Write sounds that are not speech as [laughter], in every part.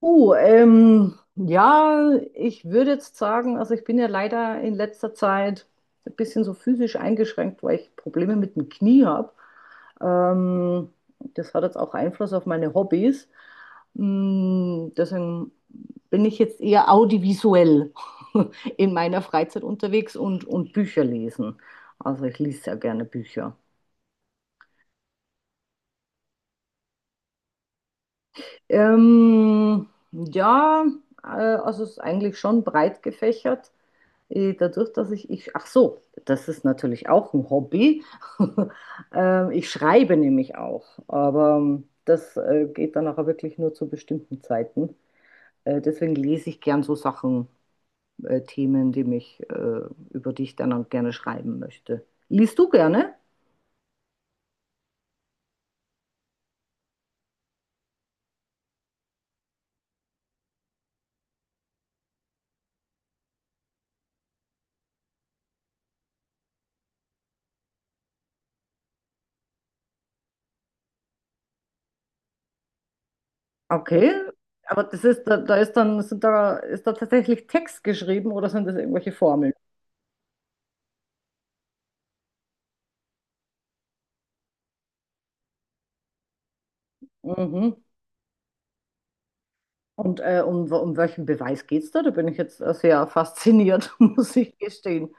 Oh, ja, ich würde jetzt sagen, also ich bin ja leider in letzter Zeit ein bisschen so physisch eingeschränkt, weil ich Probleme mit dem Knie habe. Ähm, Das hat jetzt auch Einfluss auf meine Hobbys. Deswegen bin ich jetzt eher audiovisuell [laughs] in meiner Freizeit unterwegs und Bücher lesen. Also ich lese sehr gerne Bücher. Ja, also es ist eigentlich schon breit gefächert. Dadurch, dass ach so, das ist natürlich auch ein Hobby. [laughs] Ich schreibe nämlich auch, aber das geht dann auch wirklich nur zu bestimmten Zeiten. Deswegen lese ich gern so Sachen, Themen, die mich, über die ich dann auch gerne schreiben möchte. Liest du gerne? Okay, aber das ist, da ist dann, sind da, ist da tatsächlich Text geschrieben oder sind das irgendwelche Formeln? Mhm. Und um welchen Beweis geht's da? Da bin ich jetzt sehr fasziniert, [laughs] muss ich gestehen.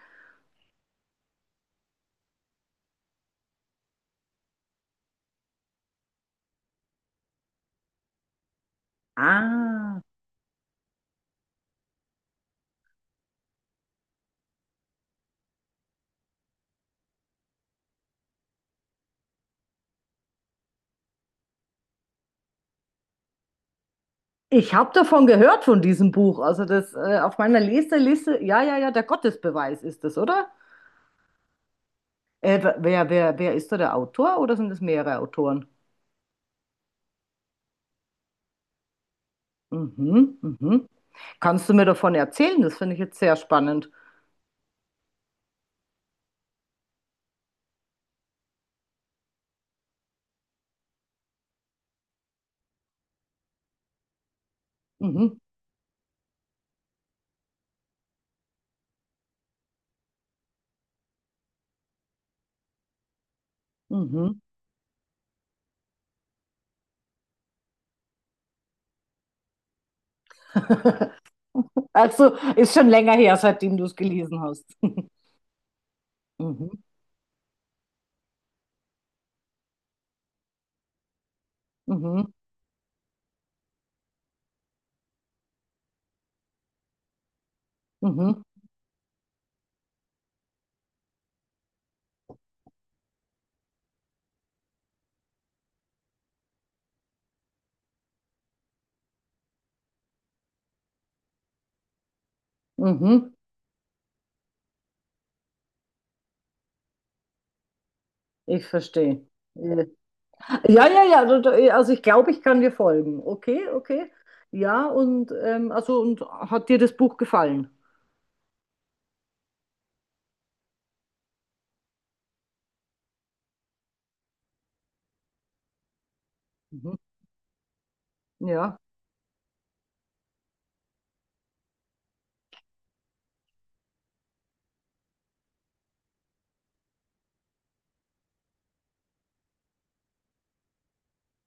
Ah, ich habe davon gehört von diesem Buch. Also das auf meiner Leseliste, ja, ja, ja, der Gottesbeweis ist das, oder? Wer, wer, wer ist da der Autor oder sind es mehrere Autoren? Mhm, mhm. Kannst du mir davon erzählen? Das finde ich jetzt sehr spannend. Mhm, mhm. [laughs] Also ist schon länger her, seitdem du es gelesen hast. [laughs] Mhm, mhm, mhm, mhm. Ich verstehe. Äh, Ja, ja, ja, also ich glaube, ich kann dir folgen. Okay, okay. Ja, und also und hat dir das Buch gefallen? Mhm. Ja.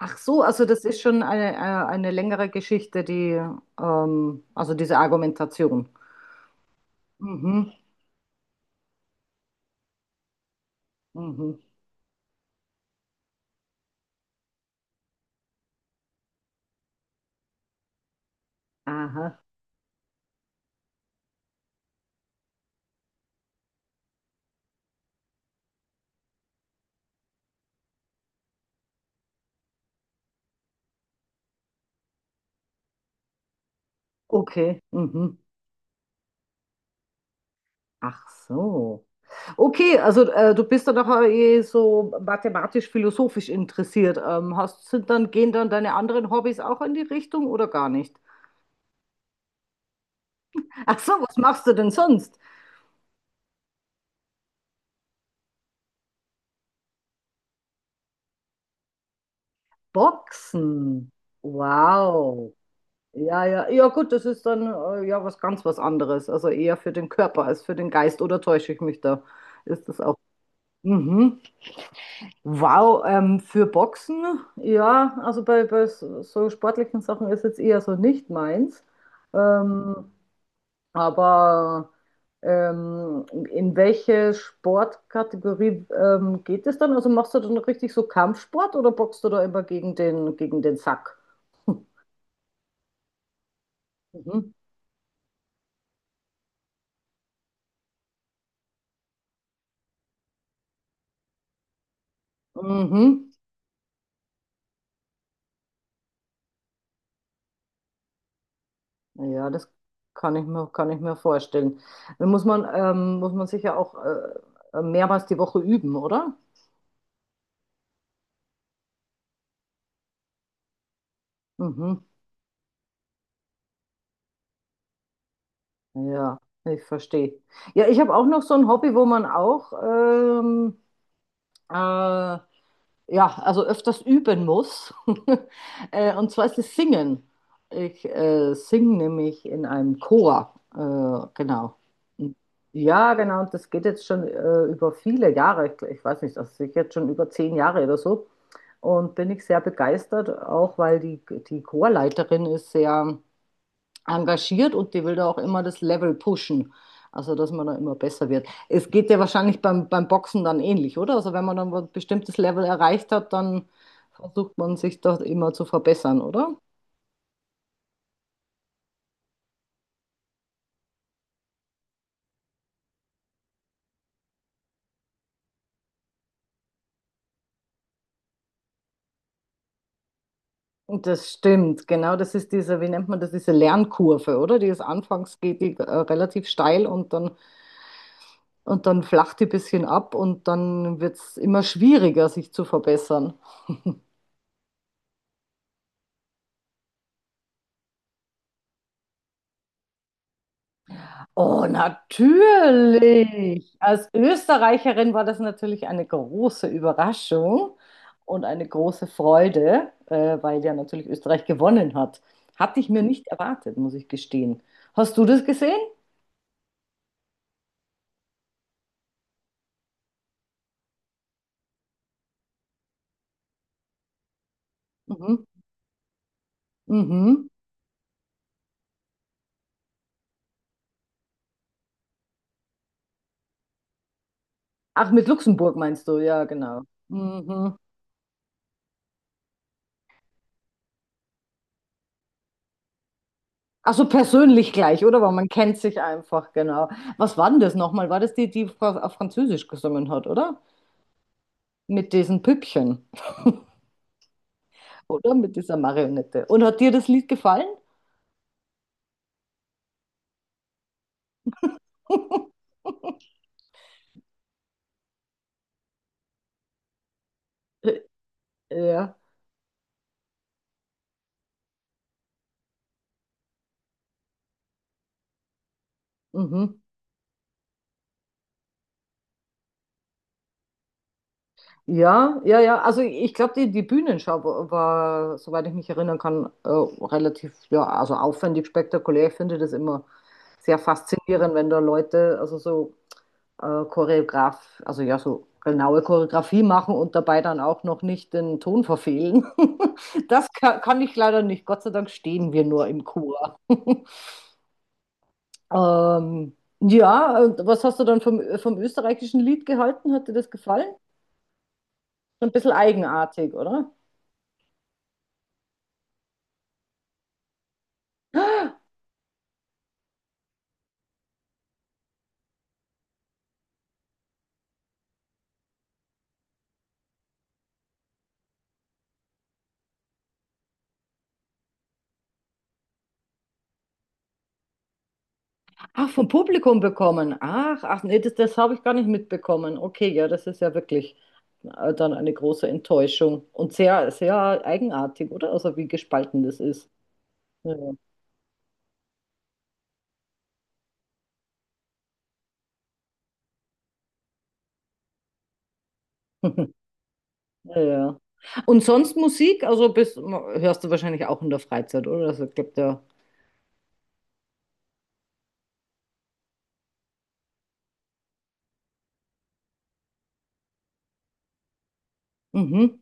Ach so, also das ist schon eine längere Geschichte, die also diese Argumentation. Mhm. Mhm. Aha. Okay. Mhm. Ach so. Okay, also du bist dann doch eh so mathematisch-philosophisch interessiert. Hast, sind dann, gehen dann deine anderen Hobbys auch in die Richtung oder gar nicht? Ach so, was machst du denn sonst? Boxen. Wow. Ja, ja, ja, gut, das ist dann ja was ganz was anderes. Also eher für den Körper als für den Geist. Oder täusche ich mich da? Ist das auch? Mhm. Wow, für Boxen, ja, also bei, bei so sportlichen Sachen ist jetzt eher so nicht meins. Ähm, Aber in welche Sportkategorie geht es dann? Also machst du dann richtig so Kampfsport oder boxst du da immer gegen den Sack? Mhm. Mhm. Ja, das kann ich mir vorstellen. Dann muss man sicher auch mehrmals die Woche üben, oder? Mhm. Ja, ich verstehe. Ja, ich habe auch noch so ein Hobby, wo man auch äh, ja, also öfters üben muss. [laughs] Und zwar ist es Singen. Ich singe nämlich in einem Chor. Genau. Ja, genau. Und das geht jetzt schon über viele Jahre. Ich weiß nicht, das ist sicher jetzt schon über 10 Jahre oder so. Und bin ich sehr begeistert, auch weil die, die Chorleiterin ist sehr engagiert und die will da auch immer das Level pushen. Also, dass man da immer besser wird. Es geht ja wahrscheinlich beim, beim Boxen dann ähnlich, oder? Also, wenn man dann ein bestimmtes Level erreicht hat, dann versucht man sich da immer zu verbessern, oder? Und das stimmt, genau. Das ist diese, wie nennt man das, diese Lernkurve, oder? Die ist anfangs geht die relativ steil und dann flacht die ein bisschen ab und dann wird es immer schwieriger, sich zu verbessern. Oh, natürlich. Als Österreicherin war das natürlich eine große Überraschung und eine große Freude, weil ja natürlich Österreich gewonnen hat. Hatte ich mir nicht erwartet, muss ich gestehen. Hast du das gesehen? Mhm. Mhm. Ach, mit Luxemburg meinst du? Ja, genau. Mhm. Ach so, persönlich gleich, oder? Weil man kennt sich einfach, genau. Was war denn das nochmal? War das die, die auf Französisch gesungen hat, oder? Mit diesen Püppchen. Oder? Mit dieser Marionette. Und hat dir das Lied gefallen? [laughs] Ja. Mhm. Ja, ja, ja. Also ich glaube, die, die Bühnenschau war, soweit ich mich erinnern kann, relativ, ja, also aufwendig, spektakulär. Ich finde das immer sehr faszinierend, wenn da Leute, also so Choreograf, also ja, so genaue Choreografie machen und dabei dann auch noch nicht den Ton verfehlen. [laughs] Das kann, kann ich leider nicht. Gott sei Dank stehen wir nur im Chor. Ja, und was hast du dann vom, vom österreichischen Lied gehalten? Hat dir das gefallen? So ein bisschen eigenartig, oder? Ach, vom Publikum bekommen. Ach, ach nee, das, das habe ich gar nicht mitbekommen. Okay, ja, das ist ja wirklich dann eine große Enttäuschung und sehr, sehr eigenartig, oder? Also wie gespalten das ist. Ja. [laughs] Ja, ja. Und sonst Musik, also bist, hörst du wahrscheinlich auch in der Freizeit, oder? Also, ich glaube, der. Mhm.